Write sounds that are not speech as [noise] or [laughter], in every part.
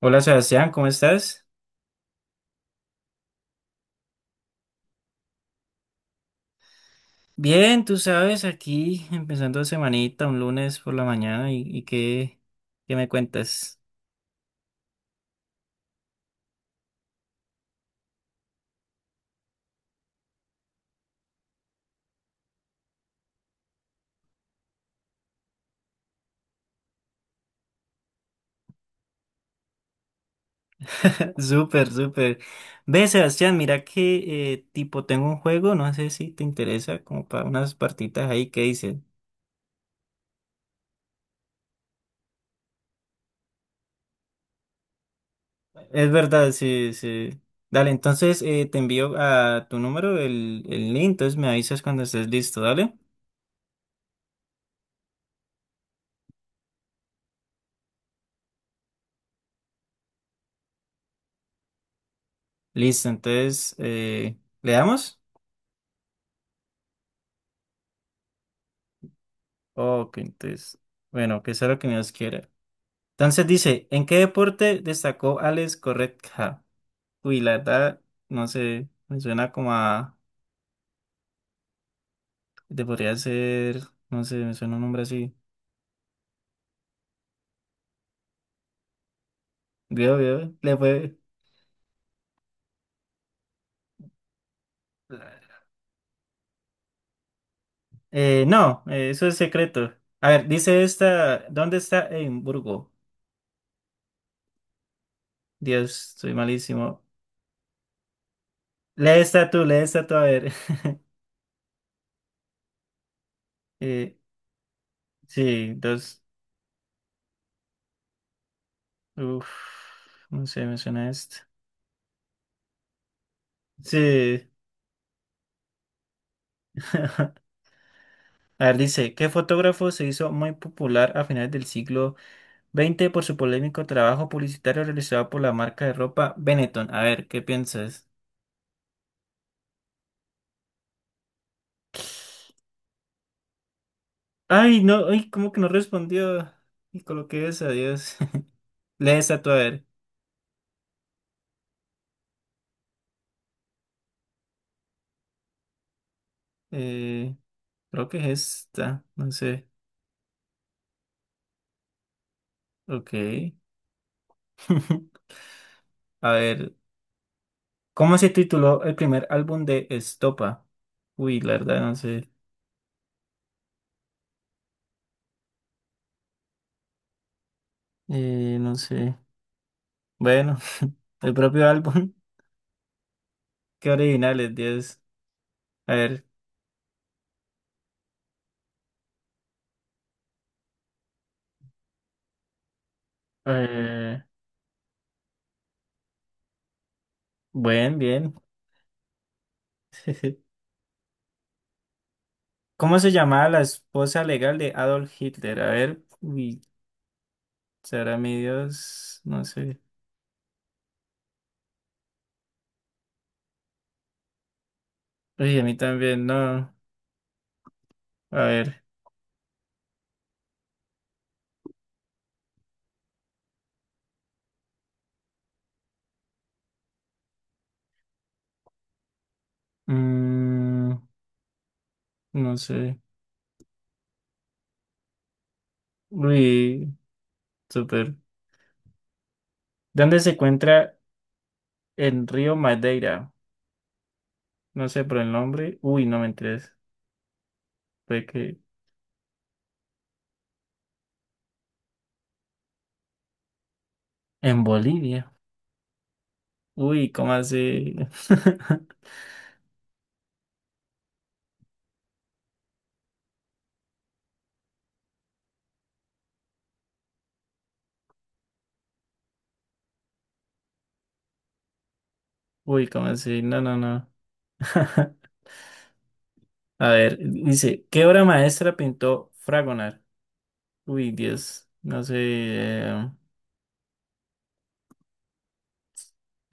Hola Sebastián, ¿cómo estás? Bien, tú sabes, aquí empezando semanita, un lunes por la mañana, ¿y qué me cuentas? [laughs] Súper, súper. Ve, Sebastián, mira que tipo tengo un juego, no sé si te interesa, como para unas partitas ahí, ¿qué dices? Es verdad, sí, sí. Dale, entonces te envío a tu número el link, entonces me avisas cuando estés listo, dale. Listo, entonces, ¿le damos? Ok, entonces, bueno, que sea lo que Dios quiera. Entonces dice, ¿en qué deporte destacó Alex Corretka? Uy, la verdad, no sé, me suena como a, te podría ser, no sé, me suena un nombre así. Veo, veo, le fue. No, eso es secreto. A ver, dice esta, ¿dónde está Edimburgo? Dios, soy malísimo. Lee esta tú, a ver. [laughs] Eh, sí, dos, uf, no sé, me suena esto. Sí. [laughs] A ver, dice, ¿qué fotógrafo se hizo muy popular a finales del siglo XX por su polémico trabajo publicitario realizado por la marca de ropa Benetton? A ver, ¿qué piensas? Ay, no, ay, ¿cómo que no respondió? Y coloqué esa, Dios. [laughs] Lee esta tú, a ver. Eh, creo que es esta, no sé. Ok. [laughs] A ver, ¿cómo se tituló el primer álbum de Estopa? Uy, la verdad, no sé. No sé. Bueno, [laughs] el propio álbum. [laughs] Qué originales, Dios. A ver, Eh, bien, bien. [laughs] ¿Cómo se llamaba la esposa legal de Adolf Hitler? A ver, uy, será mi Dios, no sé. Uy, a mí también, no. A ver, mm, no sé. Uy, súper. ¿Dónde se encuentra el río Madeira? No sé por el nombre. Uy, no me interesa. Fue que en Bolivia. Uy, ¿cómo así? [laughs] Uy, ¿cómo así? No, no, no. [laughs] A ver, dice, ¿qué obra maestra pintó Fragonard? Uy, Dios, no sé,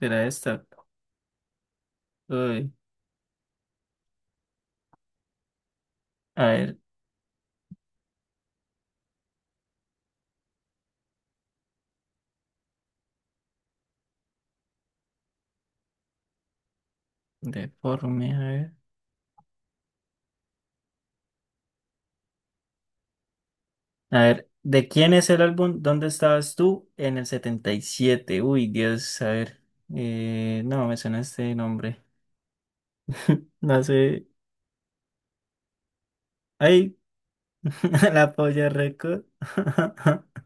era esta. Uy, a ver, deforme, a ver. A ver, ¿de quién es el álbum ¿Dónde estabas tú? En el 77? Uy, Dios, a ver. No, me suena este nombre. [laughs] No sé. Ay, [laughs] la polla récord. [laughs]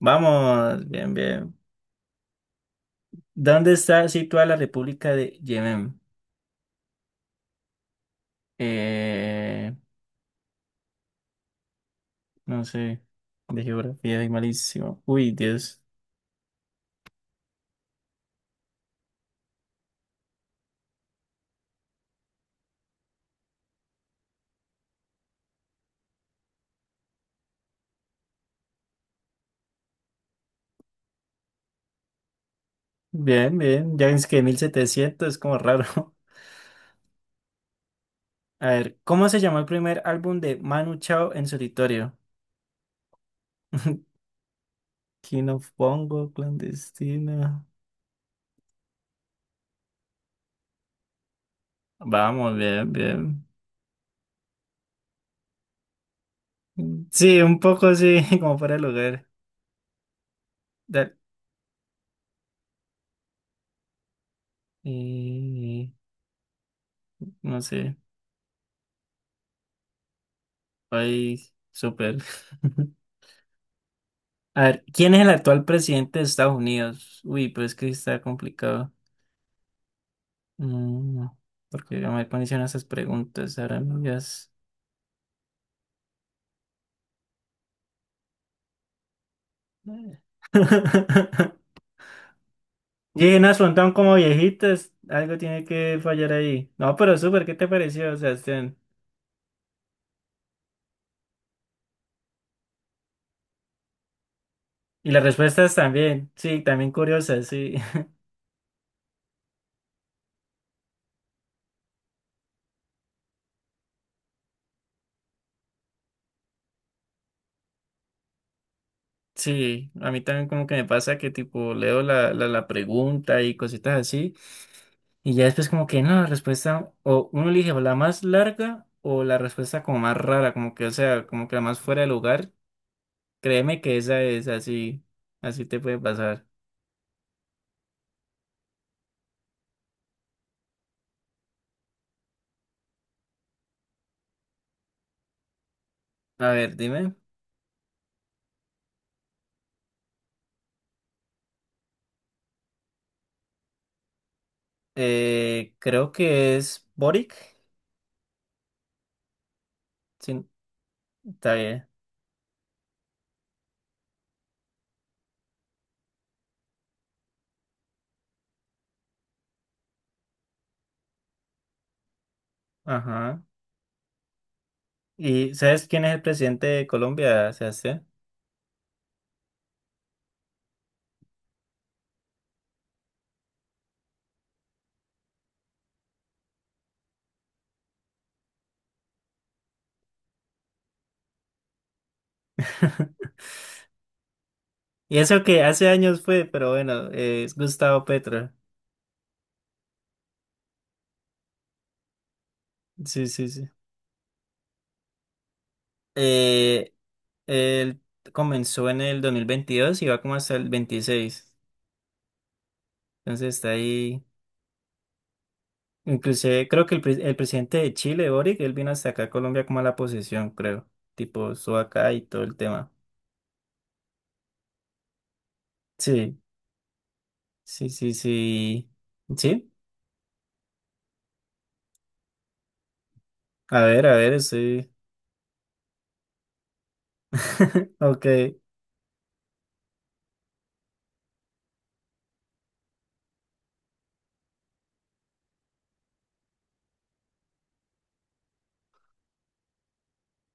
Vamos, bien, bien. ¿Dónde está situada la República de Yemen? Eh, No sé, de geografía y malísimo. Uy, Dios. Bien, bien. Ya es que 1700 es como raro. [laughs] A ver, ¿cómo se llamó el primer álbum de Manu Chao en solitario? [laughs] King of Bongo, clandestina. Vamos, bien, bien. Sí, un poco sí [laughs] como fuera el lugar. Dale. Eh, no sé. Ay, súper. [laughs] A ver, ¿quién es el actual presidente de Estados Unidos? Uy, pues que está complicado. Mm, porque yo me ponían esas preguntas, ahora mías. Llenas [laughs] preguntan como viejitas, algo tiene que fallar ahí. No, pero súper, ¿qué te pareció, Sebastián? Y las respuestas también, sí, también curiosas, sí. [laughs] Sí, a mí también como que me pasa que tipo leo la pregunta y cositas así, y ya después como que no, la respuesta, o uno elige o la más larga o la respuesta como más rara, como que, o sea, como que la más fuera de lugar. Créeme que esa es así, así te puede pasar. A ver, dime. Creo que es Boric. Sí, está bien. Ajá. ¿Y sabes quién es el presidente de Colombia, Sebastián? [laughs] Y eso que hace años fue, pero bueno, es Gustavo Petro. Sí, sí, sí. Eh, él comenzó en el 2022 y va como hasta el 26. Entonces está ahí. Inclusive creo que el presidente de Chile, Boric, él vino hasta acá a Colombia como a la posesión, creo. Tipo, estuvo acá y todo el tema. Sí, sí, sí, sí. Sí, a ver, sí. [laughs] Ok,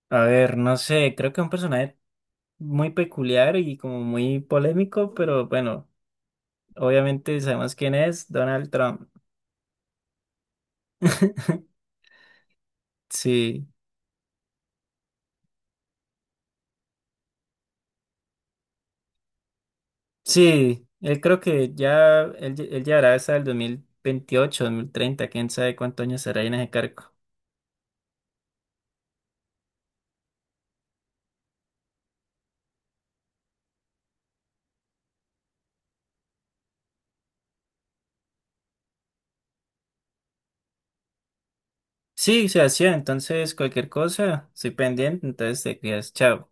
a ver, no sé, creo que es un personaje muy peculiar y como muy polémico, pero bueno, obviamente sabemos quién es, Donald Trump. [laughs] Sí, sí, él creo que ya, él llegará hasta el 2028, 2030, quién sabe cuántos años será ahí en ese cargo. Sí, se hacía. Entonces, cualquier cosa, estoy pendiente. Entonces, te cuidas. Chao.